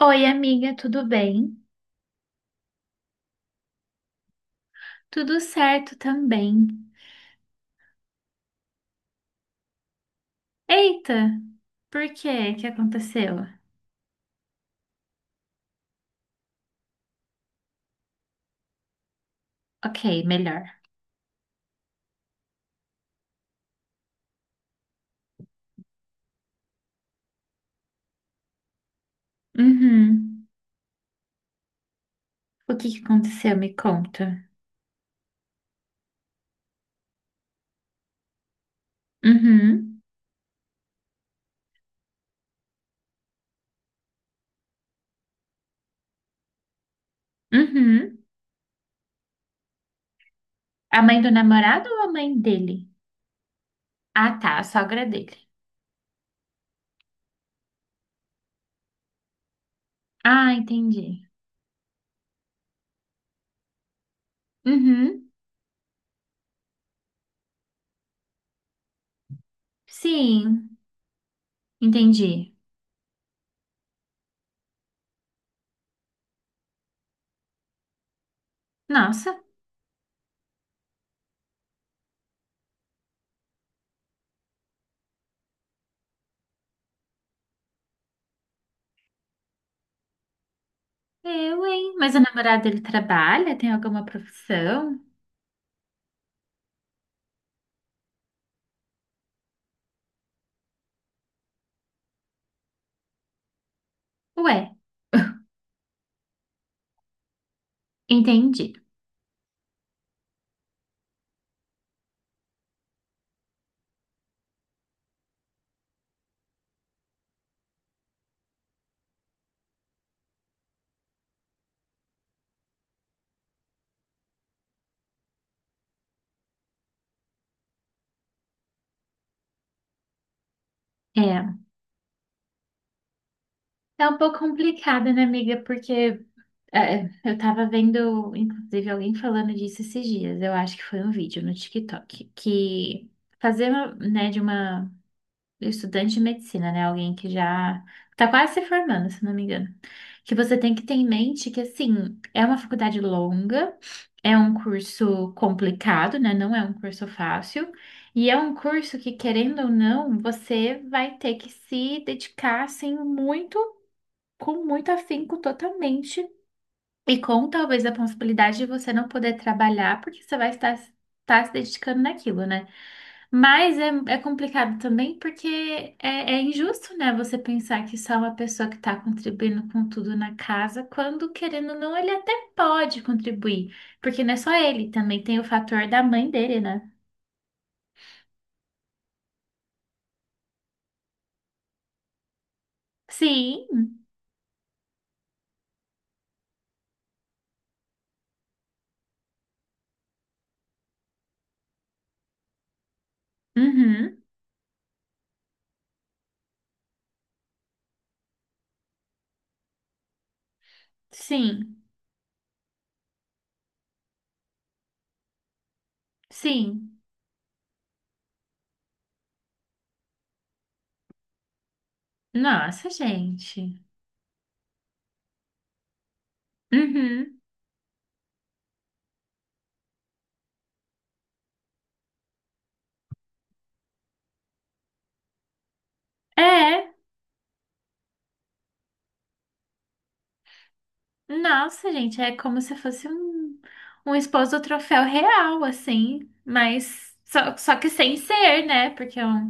Oi, amiga, tudo bem? Tudo certo também. Eita, por quê? O que aconteceu? Ok, melhor. Uhum. O que que aconteceu? Me conta. Uhum. Uhum. A mãe do namorado ou a mãe dele? Ah, tá, a sogra dele. Ah, entendi. Uhum. Sim, entendi. Nossa, eu, hein? Mas o namorado dele trabalha? Tem alguma profissão? Ué, entendi. É. Tá um pouco complicada, né, amiga? Porque é, eu tava vendo, inclusive, alguém falando disso esses dias. Eu acho que foi um vídeo no TikTok que fazer, né, de uma estudante de medicina, né, alguém que já tá quase se formando, se não me engano, que você tem que ter em mente que assim, é uma faculdade longa, é um curso complicado, né, não é um curso fácil, e é um curso que querendo ou não, você vai ter que se dedicar assim muito, com muito afinco totalmente e com talvez a possibilidade de você não poder trabalhar, porque você vai estar se dedicando naquilo, né? Mas é, é complicado também porque é, é injusto, né? Você pensar que só uma pessoa que está contribuindo com tudo na casa, quando querendo ou não, ele até pode contribuir. Porque não é só ele, também tem o fator da mãe dele, né? Sim, uhum, sim, sim. Nossa, gente. Uhum. É. Nossa, gente, é como se fosse um, um esposo troféu real, assim, mas só, só que sem ser, né? Porque é um,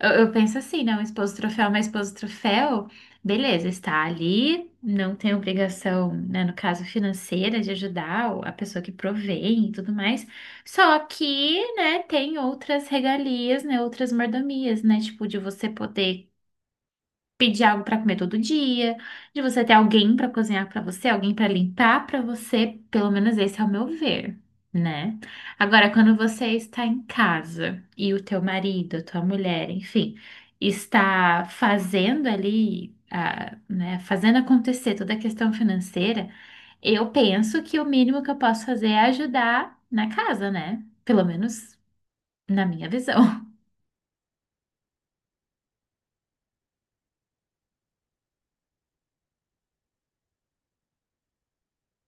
eu penso assim, né? Um esposo troféu, é uma esposa troféu, beleza, está ali, não tem obrigação, né? No caso financeira, de ajudar a pessoa que provém e tudo mais, só que, né, tem outras regalias, né? Outras mordomias, né? Tipo, de você poder pedir algo para comer todo dia, de você ter alguém para cozinhar para você, alguém para limpar para você, pelo menos esse é o meu ver, né? Agora, quando você está em casa e o teu marido, a tua mulher, enfim, está fazendo ali, a, né, fazendo acontecer toda a questão financeira, eu penso que o mínimo que eu posso fazer é ajudar na casa, né? Pelo menos na minha visão.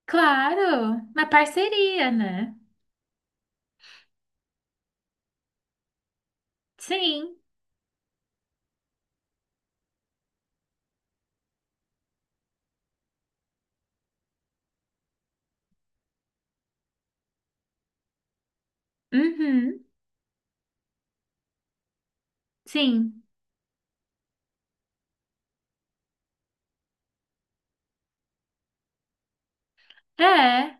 Claro, uma parceria, né? Sim. Uhum. Sim, é,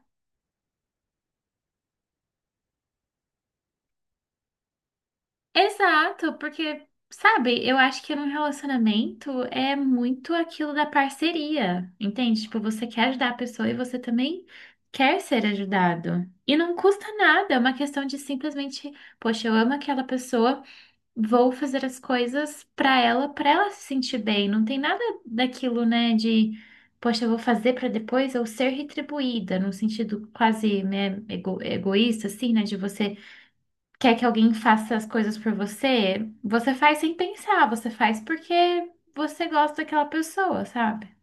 exato, porque, sabe, eu acho que num relacionamento é muito aquilo da parceria, entende? Tipo, você quer ajudar a pessoa e você também quer ser ajudado. E não custa nada, é uma questão de simplesmente, poxa, eu amo aquela pessoa, vou fazer as coisas pra ela se sentir bem. Não tem nada daquilo, né, de, poxa, eu vou fazer pra depois eu ser retribuída, num sentido quase, né, egoísta, assim, né, de você quer que alguém faça as coisas por você, você faz sem pensar, você faz porque você gosta daquela pessoa, sabe?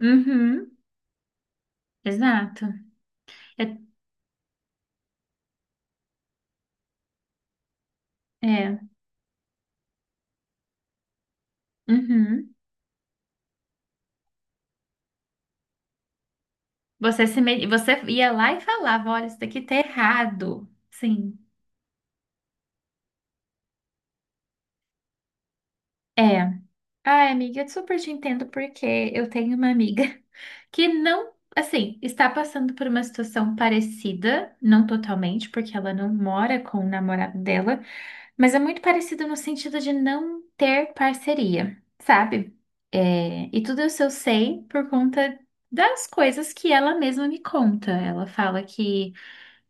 Uhum, exato. Eu- é, uhum. Você se me- você ia lá e falava, olha, isso daqui tá errado. Sim. É. Ai, amiga, eu super te entendo porque eu tenho uma amiga que não, assim, está passando por uma situação parecida, não totalmente, porque ela não mora com o namorado dela, mas é muito parecido no sentido de não ter parceria, sabe? É, e tudo isso eu sei por conta das coisas que ela mesma me conta. Ela fala que,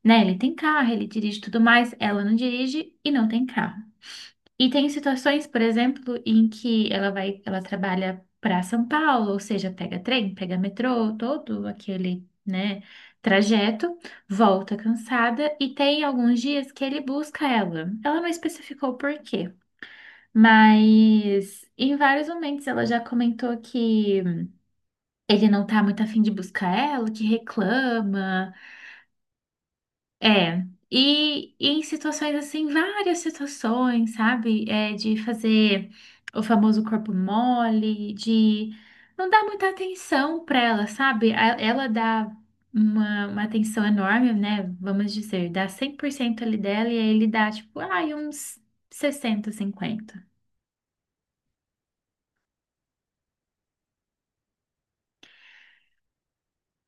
né, ele tem carro, ele dirige e tudo mais, ela não dirige e não tem carro. E tem situações, por exemplo, em que ela vai, ela trabalha para São Paulo, ou seja, pega trem, pega metrô, todo aquele, né, trajeto, volta cansada e tem alguns dias que ele busca ela. Ela não especificou o porquê, mas em vários momentos ela já comentou que ele não tá muito afim de buscar ela, que reclama. É, e em situações assim, várias situações, sabe? É, de fazer o famoso corpo mole, de não dar muita atenção para ela, sabe? Ela dá uma atenção enorme, né? Vamos dizer, dá 100% ali dela e aí ele dá, tipo, ai, uns 60 50.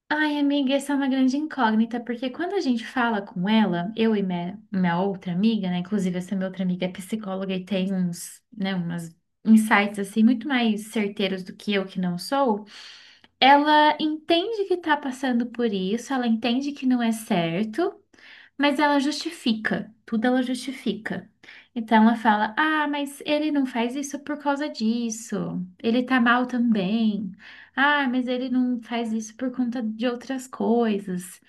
Ai, amiga, essa é uma grande incógnita, porque quando a gente fala com ela, eu e minha outra amiga, né? Inclusive, essa minha outra amiga é psicóloga e tem uns, né, umas insights assim muito mais certeiros do que eu que não sou. Ela entende que tá passando por isso, ela entende que não é certo, mas ela justifica, tudo ela justifica. Então ela fala: Ah, mas ele não faz isso por causa disso. Ele tá mal também. Ah, mas ele não faz isso por conta de outras coisas.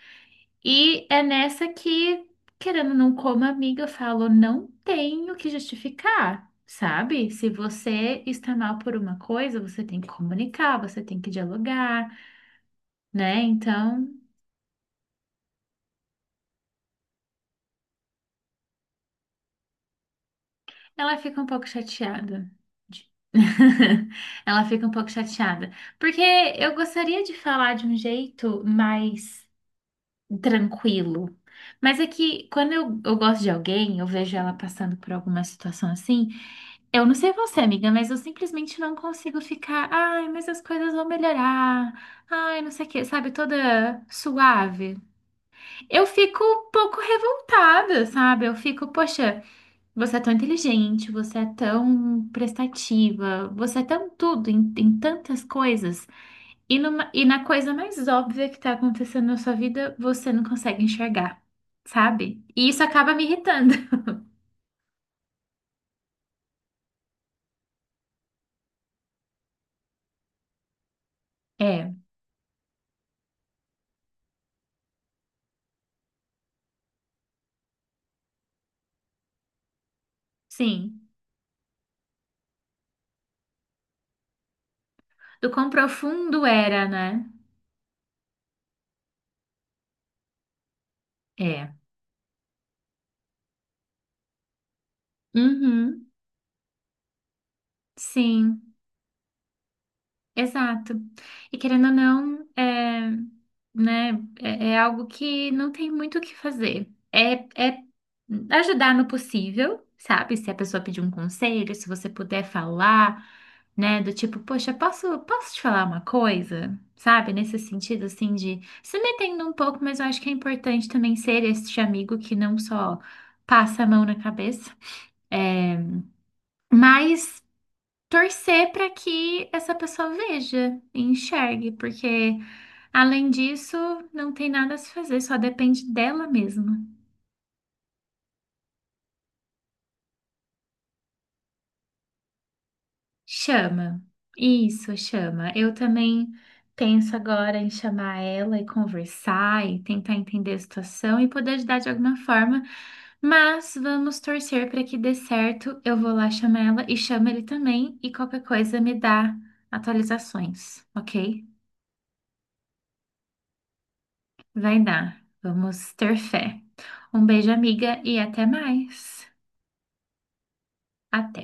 E é nessa que, querendo ou não, como amiga, eu falo: Não tenho que justificar. Sabe? Se você está mal por uma coisa, você tem que comunicar, você tem que dialogar, né? Então. Ela fica um pouco chateada. De- Ela fica um pouco chateada. Porque eu gostaria de falar de um jeito mais tranquilo. Mas é que quando eu gosto de alguém, eu vejo ela passando por alguma situação assim. Eu não sei você, amiga, mas eu simplesmente não consigo ficar. Ai, mas as coisas vão melhorar. Ai, não sei o quê, sabe? Toda suave. Eu fico um pouco revoltada, sabe? Eu fico, poxa. Você é tão inteligente, você é tão prestativa, você é tão tudo, em tantas coisas. E, e na coisa mais óbvia que tá acontecendo na sua vida, você não consegue enxergar, sabe? E isso acaba me irritando. É, sim. Do quão profundo era, né? É. Uhum, sim. Exato. E querendo ou não, é, né, é, é algo que não tem muito o que fazer. É, é ajudar no possível, sabe? Se a pessoa pedir um conselho, se você puder falar, né, do tipo, poxa, posso te falar uma coisa? Sabe? Nesse sentido, assim, de se metendo um pouco, mas eu acho que é importante também ser este amigo que não só passa a mão na cabeça. É, mas torcer para que essa pessoa veja e enxergue, porque além disso, não tem nada a se fazer, só depende dela mesma. Chama. Isso, chama. Eu também penso agora em chamar ela e conversar e tentar entender a situação e poder ajudar de alguma forma, mas vamos torcer para que dê certo. Eu vou lá chamar ela e chamo ele também e qualquer coisa me dá atualizações, ok? Vai dar. Vamos ter fé. Um beijo, amiga, e até mais. Até.